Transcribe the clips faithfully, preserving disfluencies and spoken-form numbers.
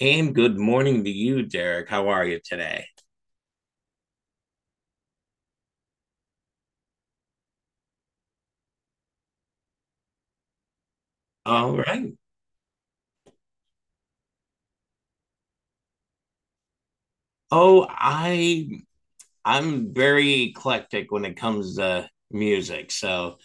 And good morning to you, Derek. How are you today? All right. Oh, I I'm very eclectic when it comes to music. So,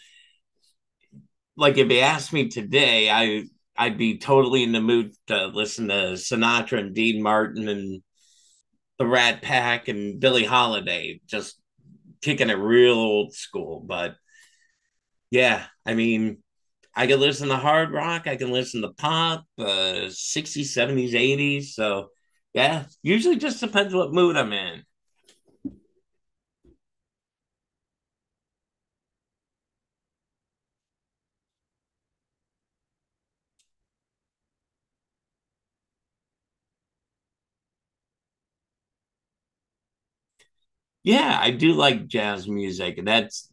like if you asked me today, I I'd be totally in the mood to listen to Sinatra and Dean Martin and the Rat Pack and Billie Holiday, just kicking it real old school. But yeah, I mean, I can listen to hard rock, I can listen to pop, uh, sixties, seventies, eighties. So, yeah, usually just depends what mood I'm in. Yeah, I do like jazz music. That's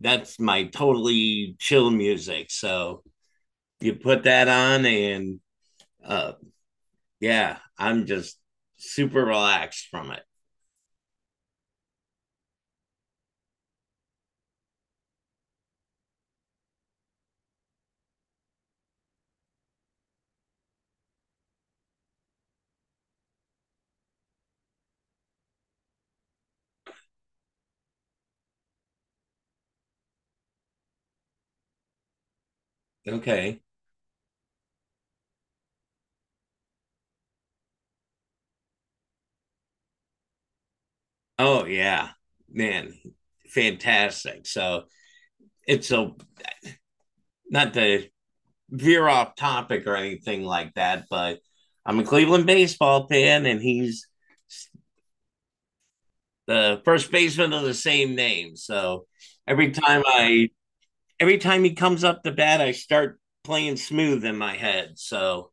that's my totally chill music. So, you put that on and uh yeah, I'm just super relaxed from it. Okay. Oh, yeah. Man, fantastic. So, it's a not to veer off topic or anything like that, but I'm a Cleveland baseball fan, and he's the first baseman of the same name. So every time I every time he comes up to bat, I start playing smooth in my head. So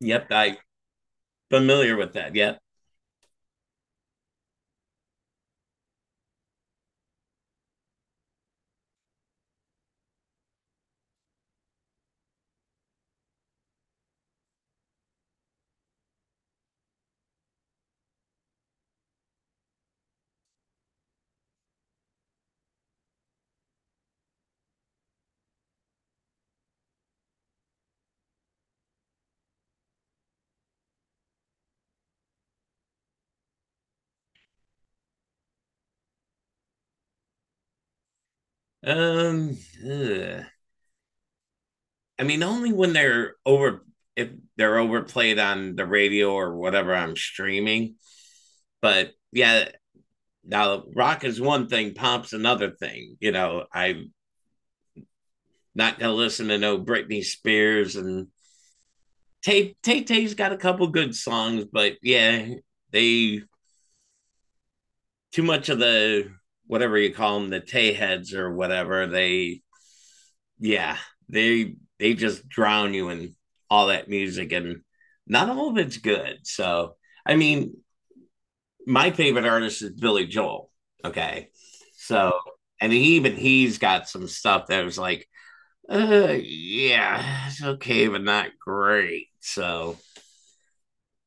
yep, I familiar with that. Yep. Um, ugh. I mean, only when they're over if they're overplayed on the radio or whatever I'm streaming. But yeah, now, rock is one thing, pop's another thing. You know, I'm not gonna listen to no Britney Spears and Tay Tay. Tay's got a couple good songs, but yeah, they too much of the whatever you call them, the Tay heads or whatever. They yeah, they they just drown you in all that music, and not all of it's good. So, I mean, my favorite artist is Billy Joel. Okay, so and even he's got some stuff that was like Uh, yeah, it's okay, but not great. So,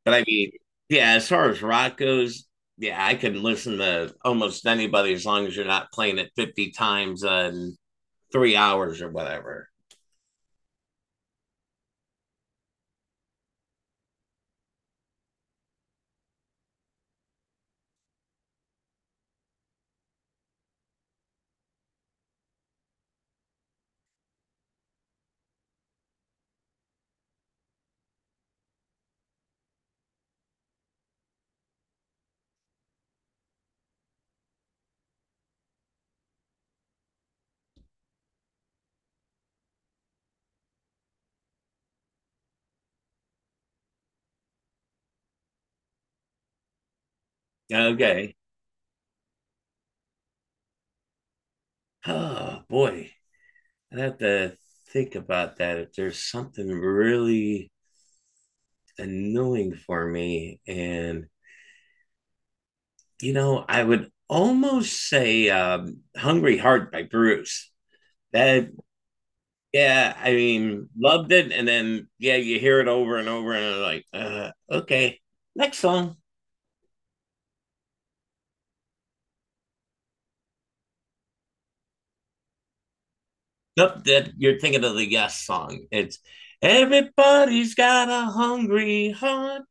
but I mean, yeah, as far as rock goes, yeah, I can listen to almost anybody as long as you're not playing it fifty times in three hours or whatever. Okay. Oh, boy. I have to think about that. If there's something really annoying for me, and, you know, I would almost say um, Hungry Heart by Bruce. That yeah, I mean, loved it, and then yeah, you hear it over and over, and you're like, uh, okay, next song. Nope, that you're thinking of the Yes song. It's everybody's got a hungry heart.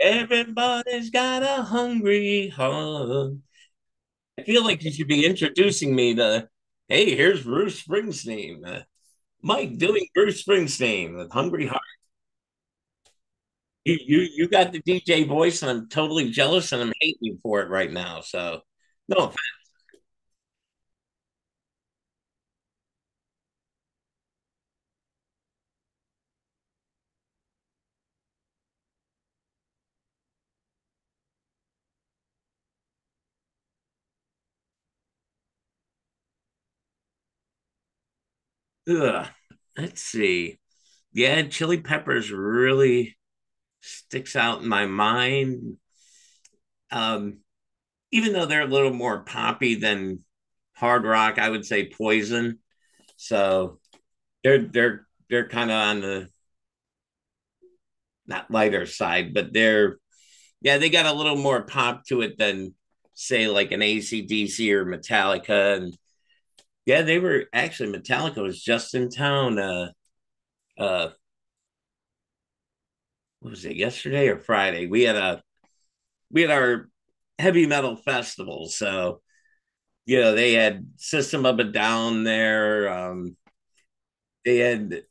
Everybody's got a hungry heart. I feel like you should be introducing me to, hey, here's Bruce Springsteen. Uh, Mike doing Bruce Springsteen with Hungry Heart. You, you you got the D J voice, and I'm totally jealous, and I'm hating you for it right now. So no. Ugh. Let's see. Yeah, chili peppers really sticks out in my mind. Um, even though they're a little more poppy than hard rock, I would say poison. So they're they're they're kind of on the not lighter side, but they're yeah, they got a little more pop to it than say like an A C D C or Metallica. And yeah, they were actually Metallica was just in town uh uh what was it, yesterday or Friday? We had a we had our heavy metal festival. So, you know, they had System of a Down there. Um, they had,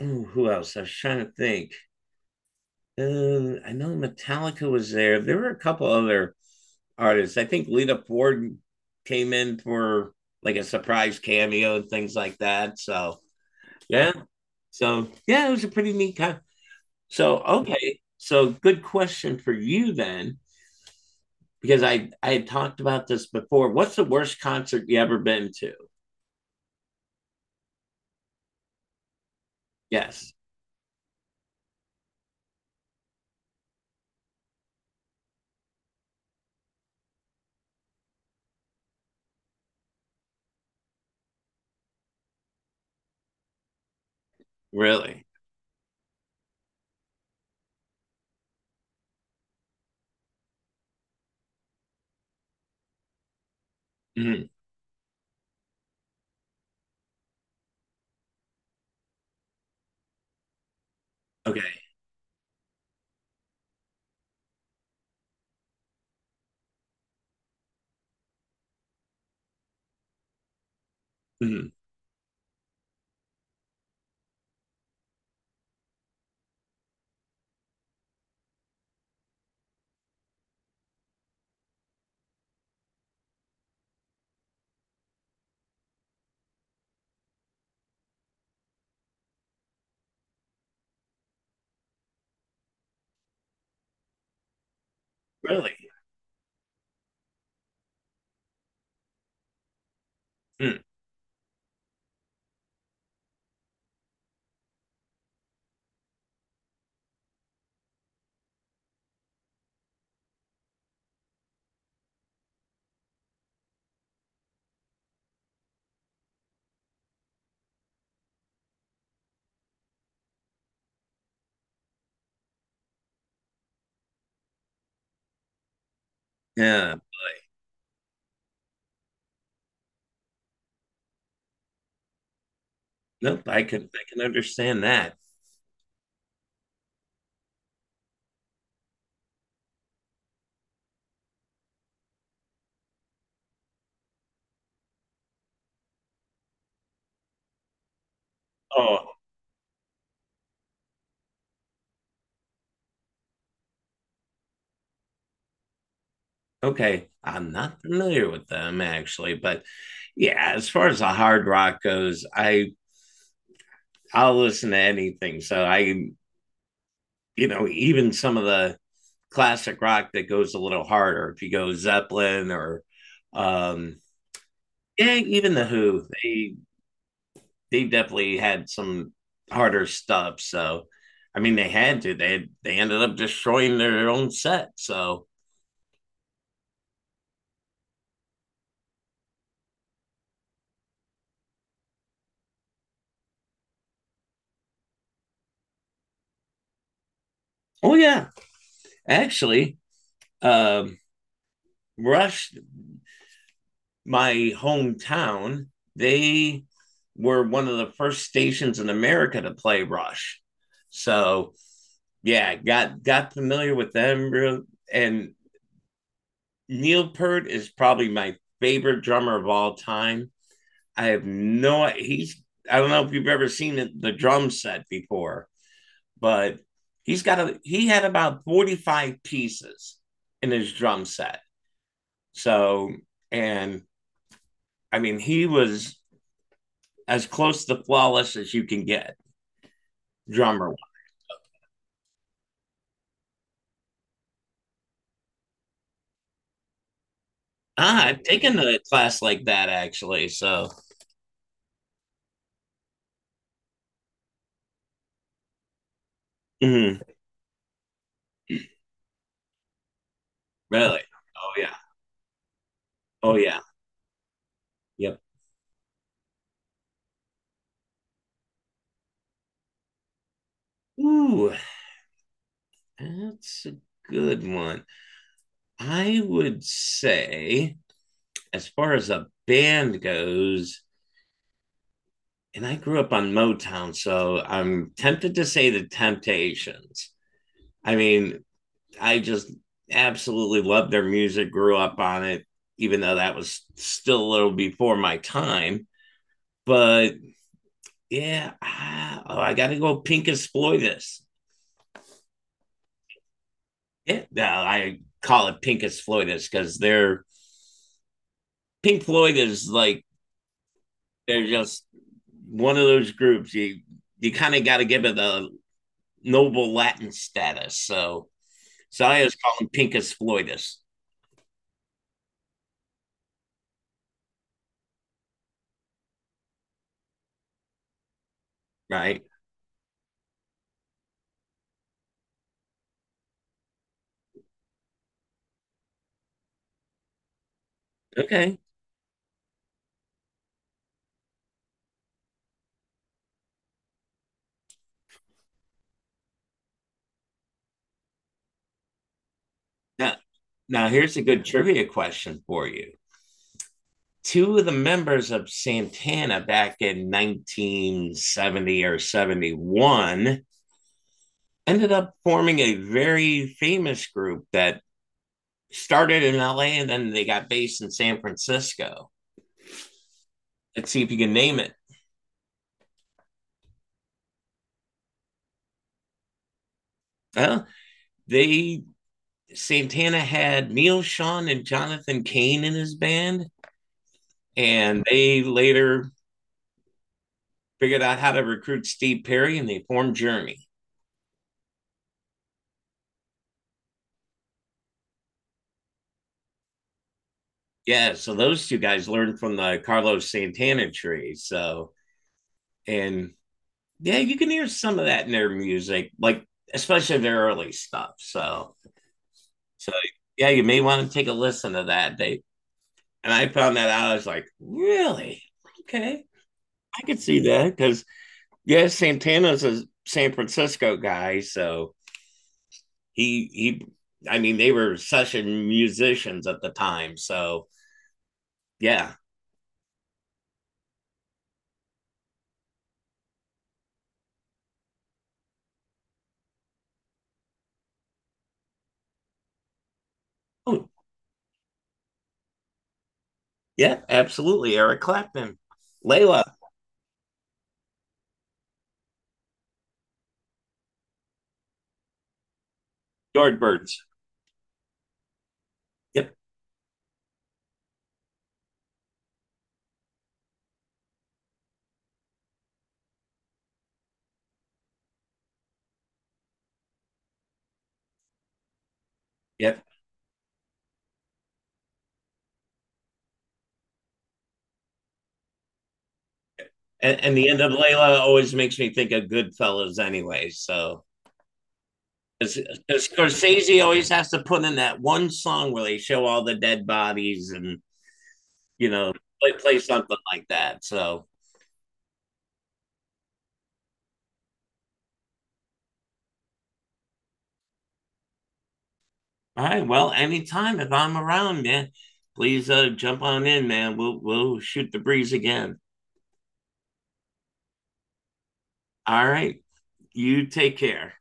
ooh, who else? I was trying to think. Uh, I know Metallica was there. There were a couple other artists. I think Lita Ford came in for like a surprise cameo and things like that. So, yeah. So, yeah, it was a pretty neat con- so, okay. So, good question for you then, because I I had talked about this before. What's the worst concert you ever been to? Yes, really. Mhm. Okay. Mhm. Really. Mm. Yeah, nope. I can I can understand that. Oh, okay. I'm not familiar with them actually, but yeah, as far as the hard rock goes, I I'll listen to anything. So I you know even some of the classic rock that goes a little harder. If you go Zeppelin or um yeah, even the Who, they they definitely had some harder stuff. So, I mean, they had to. They they ended up destroying their own set. So, oh yeah, actually, um, Rush, my hometown, they were one of the first stations in America to play Rush. So yeah, got got familiar with them, and Neil Peart is probably my favorite drummer of all time. I have no. He's. I don't know if you've ever seen it, the drum set before, but he's got a. He had about forty five pieces in his drum set. So and I mean he was as close to flawless as you can get drummer. Ah, I've taken a class like that actually. So mhm, really, oh yeah, oh yeah, yep. Ooh, that's a good one. I would say as far as a band goes, and I grew up on Motown, so I'm tempted to say the Temptations. I mean, I just absolutely loved their music, grew up on it, even though that was still a little before my time. But yeah, ah, oh, I got to go Pincus Floydus. Yeah, no, I call it Pincus Floydus because they're Pink Floyd is like they're just one of those groups you you kind of got to give it a noble Latin status. So Zaya's calling Pincus Floydus, right? Okay. Now, now here's a good trivia question for you. Two of the members of Santana back in nineteen seventy or seventy-one ended up forming a very famous group that started in L A and then they got based in San Francisco. Let's see if you can name it. Well, they Santana had Neil Sean and Jonathan Cain in his band, and they later figured out how to recruit Steve Perry and they formed Journey. Yeah, so those two guys learned from the Carlos Santana tree. So, and yeah, you can hear some of that in their music, like especially their early stuff. So, so yeah, you may want to take a listen to that. They and I found that out. I was like, really? Okay, I could see that because yeah, Santana's a San Francisco guy, so he he I mean they were session musicians at the time. So yeah. Oh, yeah, absolutely. Eric Clapton, Layla, Yardbirds. Yep. Yep. And, and the end of Layla always makes me think of Goodfellas anyway. So 'cause- 'cause Scorsese always has to put in that one song where they show all the dead bodies and you know play, play something like that. So all right, well, anytime if I'm around, man, please uh, jump on in, man. We'll we'll shoot the breeze again. All right. You take care.